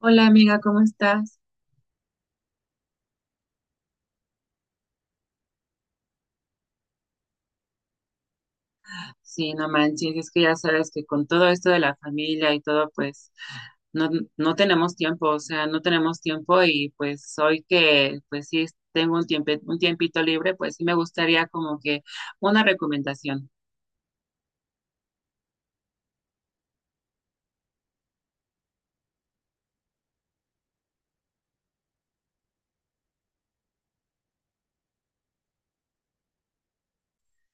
Hola amiga, ¿cómo estás? Sí, no manches, es que ya sabes que con todo esto de la familia y todo, pues no, no tenemos tiempo, o sea, no tenemos tiempo y pues hoy que pues sí tengo un tiempo, un tiempito libre, pues sí me gustaría como que una recomendación.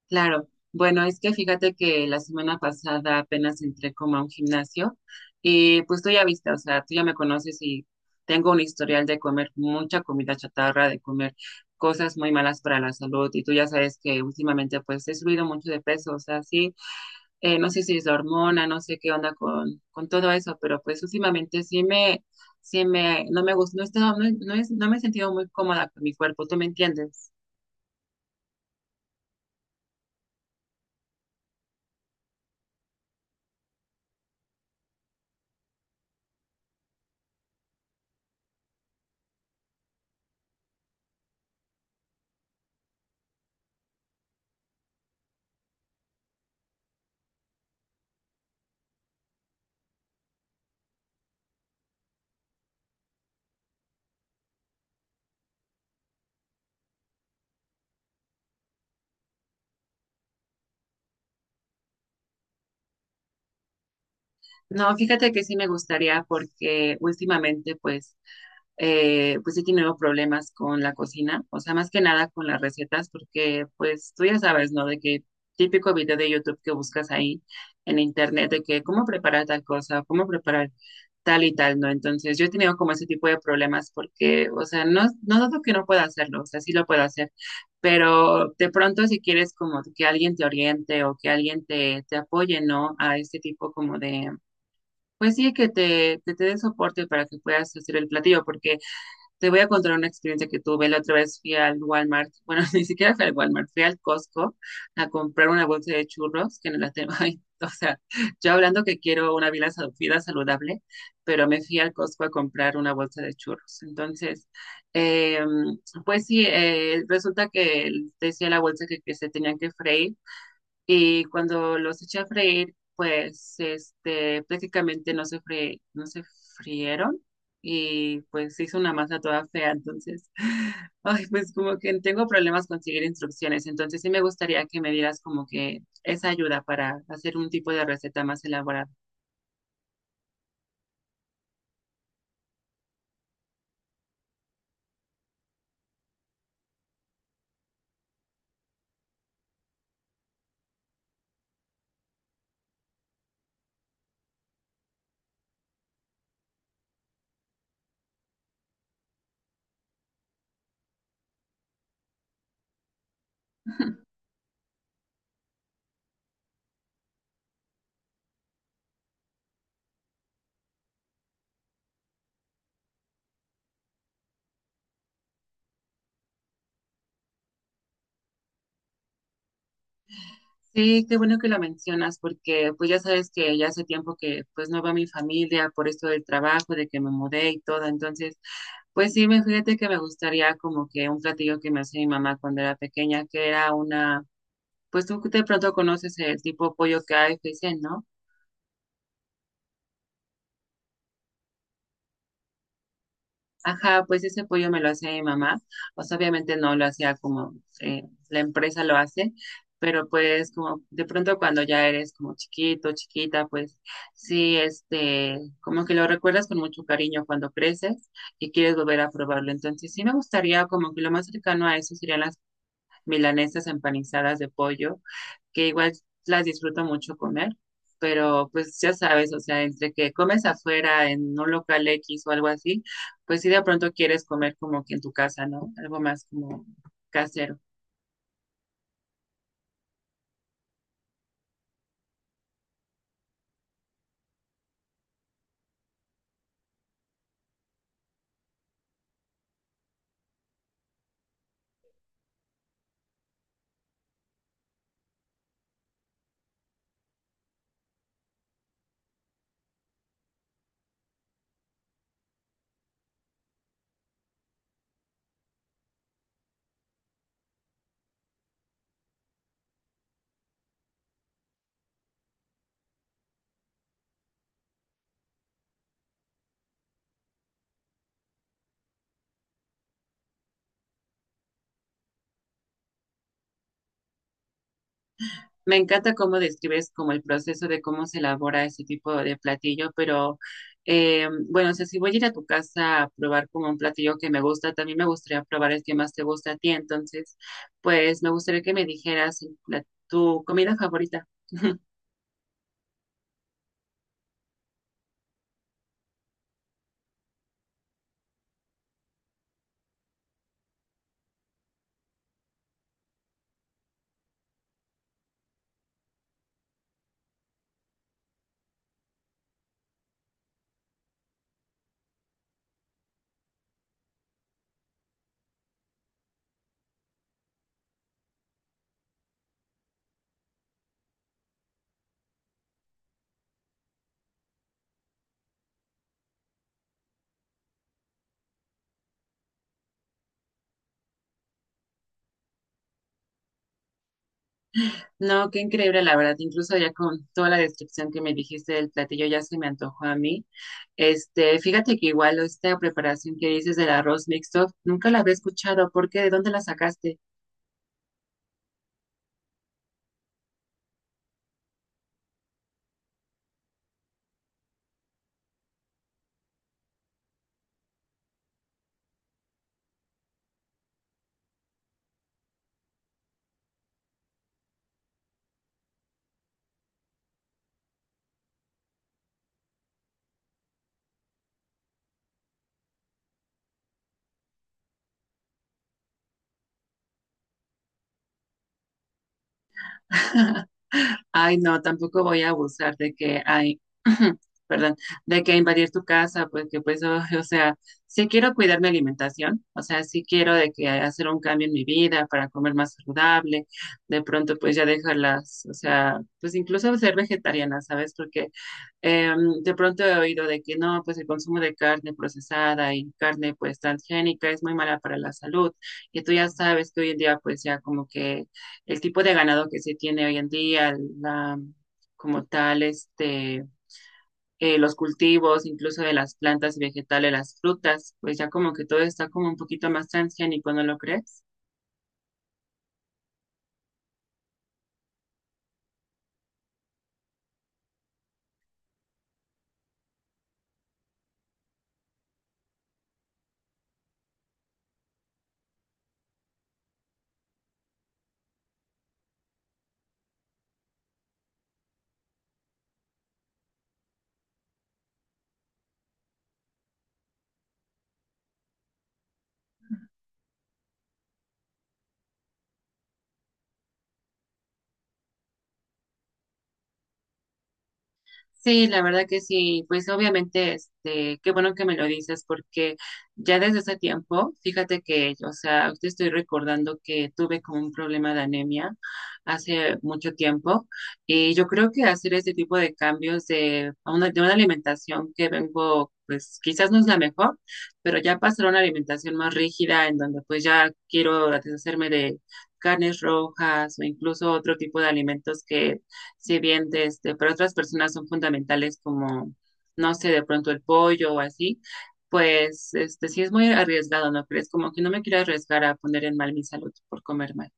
Claro, bueno, es que fíjate que la semana pasada apenas entré como a un gimnasio y pues tú ya viste, o sea, tú ya me conoces y tengo un historial de comer mucha comida chatarra, de comer cosas muy malas para la salud y tú ya sabes que últimamente pues he subido mucho de peso, o sea, sí, no sé si es la hormona, no sé qué onda con todo eso, pero pues últimamente sí me, no me gusta, no, he estado- no, he- no he- no me he sentido muy cómoda con mi cuerpo, ¿tú me entiendes? No, fíjate que sí me gustaría porque últimamente pues pues sí he tenido problemas con la cocina, o sea, más que nada con las recetas, porque pues tú ya sabes, ¿no? De que típico video de YouTube que buscas ahí en internet, de que cómo preparar tal cosa, cómo preparar tal y tal, ¿no? Entonces yo he tenido como ese tipo de problemas porque, o sea, no dudo que no pueda hacerlo, o sea, sí lo puedo hacer, pero de pronto si quieres como que alguien te oriente o que alguien te apoye, ¿no? A este tipo como de pues sí, que te dé soporte para que puedas hacer el platillo, porque te voy a contar una experiencia que tuve. La otra vez fui al Walmart, bueno, ni siquiera fui al Walmart, fui al Costco a comprar una bolsa de churros, que no la tengo ahí. O sea, yo hablando que quiero una vida, vida saludable, pero me fui al Costco a comprar una bolsa de churros. Entonces, eh, pues sí, resulta que decía la bolsa que se tenían que freír y cuando los eché a freír, pues este, prácticamente no se frieron y pues se hizo una masa toda fea, entonces, ay, pues como que tengo problemas con seguir instrucciones, entonces sí me gustaría que me dieras como que esa ayuda para hacer un tipo de receta más elaborada. Sí, qué bueno que lo mencionas porque pues ya sabes que ya hace tiempo que pues no va mi familia por esto del trabajo, de que me mudé y todo, entonces pues sí, me fíjate que me gustaría como que un platillo que me hacía mi mamá cuando era pequeña, que era una, pues tú de pronto conoces el tipo pollo que hay, ¿no? Ajá, pues ese pollo me lo hace mi mamá. O sea, obviamente no lo hacía como eh, la empresa lo hace, pero pues como de pronto cuando ya eres como chiquito, chiquita, pues sí, este, como que lo recuerdas con mucho cariño cuando creces y quieres volver a probarlo. Entonces sí me gustaría como que lo más cercano a eso serían las milanesas empanizadas de pollo, que igual las disfruto mucho comer, pero pues ya sabes, o sea, entre que comes afuera en un local X o algo así, pues sí de pronto quieres comer como que en tu casa, ¿no? Algo más como casero. Me encanta cómo describes como el proceso de cómo se elabora ese tipo de platillo, pero bueno, o sea, si voy a ir a tu casa a probar como un platillo que me gusta, también me gustaría probar el que más te gusta a ti. Entonces, pues me gustaría que me dijeras tu comida favorita. No, qué increíble, la verdad. Incluso ya con toda la descripción que me dijiste del platillo ya se me antojó a mí. Este, fíjate que igual esta preparación que dices del arroz mixto, nunca la había escuchado. ¿Por qué? ¿De dónde la sacaste? Ay, no, tampoco voy a abusar de que hay, perdón, de que invadir tu casa, porque pues, o sea, sí quiero cuidar mi alimentación, o sea, sí quiero de que hacer un cambio en mi vida para comer más saludable, de pronto pues ya dejarlas, o sea, pues incluso ser vegetariana, ¿sabes? Porque eh, de pronto he oído de que no, pues el consumo de carne procesada y carne pues transgénica es muy mala para la salud. Y tú ya sabes que hoy en día pues ya como que el tipo de ganado que se tiene hoy en día, la, como tal, este, los cultivos, incluso de las plantas y vegetales, las frutas, pues ya como que todo está como un poquito más transgénico, ¿no lo crees? Sí, la verdad que sí, pues obviamente, este, qué bueno que me lo dices, porque ya desde ese tiempo, fíjate que, o sea, te estoy recordando que tuve como un problema de anemia hace mucho tiempo, y yo creo que hacer este tipo de cambios de una alimentación que vengo, pues quizás no es la mejor, pero ya pasar a una alimentación más rígida, en donde pues ya quiero deshacerme de carnes rojas o incluso otro tipo de alimentos que si bien de este, para otras personas son fundamentales como, no sé, de pronto el pollo o así, pues este, sí es muy arriesgado, ¿no crees? Como que no me quiero arriesgar a poner en mal mi salud por comer mal.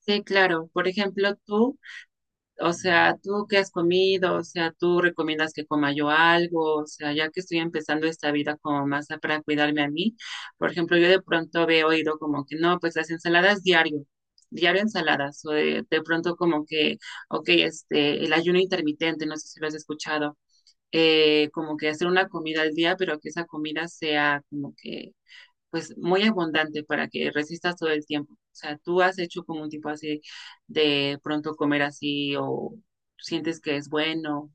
Sí, claro. Por ejemplo, tú, o sea, ¿tú qué has comido? O sea, ¿tú recomiendas que coma yo algo? O sea, ya que estoy empezando esta vida como para cuidarme a mí, por ejemplo, yo de pronto había oído como que no, pues las ensaladas diario, diario ensaladas, o de pronto como que, ok, este, el ayuno intermitente, no sé si lo has escuchado, como que hacer una comida al día, pero que esa comida sea como que pues muy abundante para que resistas todo el tiempo. O sea, tú has hecho como un tipo así de pronto comer así o sientes que es bueno.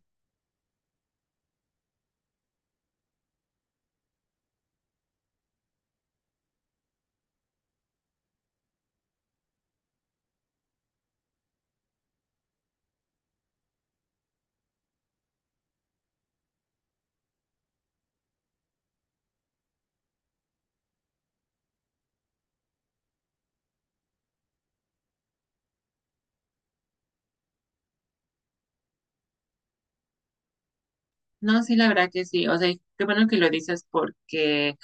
No, sí, la verdad que sí. O sea, y qué bueno que lo dices porque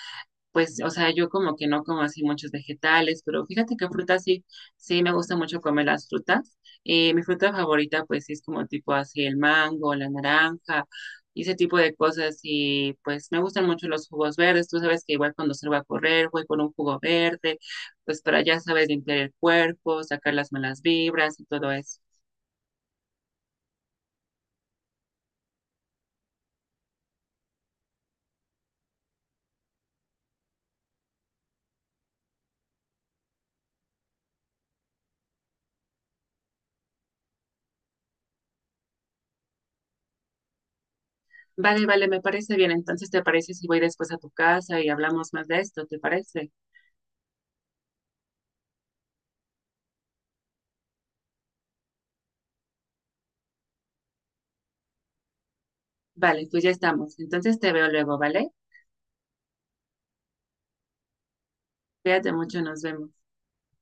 pues, o sea, yo como que no como así muchos vegetales, pero fíjate que frutas sí, sí me gusta mucho comer las frutas. Mi fruta favorita, pues, sí es como tipo así el mango, la naranja, y ese tipo de cosas. Y pues me gustan mucho los jugos verdes. Tú sabes que igual cuando salgo a correr, voy con un jugo verde, pues para ya sabes limpiar el cuerpo, sacar las malas vibras y todo eso. Vale, vale, me parece bien. Entonces, ¿te parece si voy después a tu casa y hablamos más de esto? ¿Te parece? Vale, pues ya estamos. Entonces te veo luego, ¿vale? Cuídate mucho, nos vemos.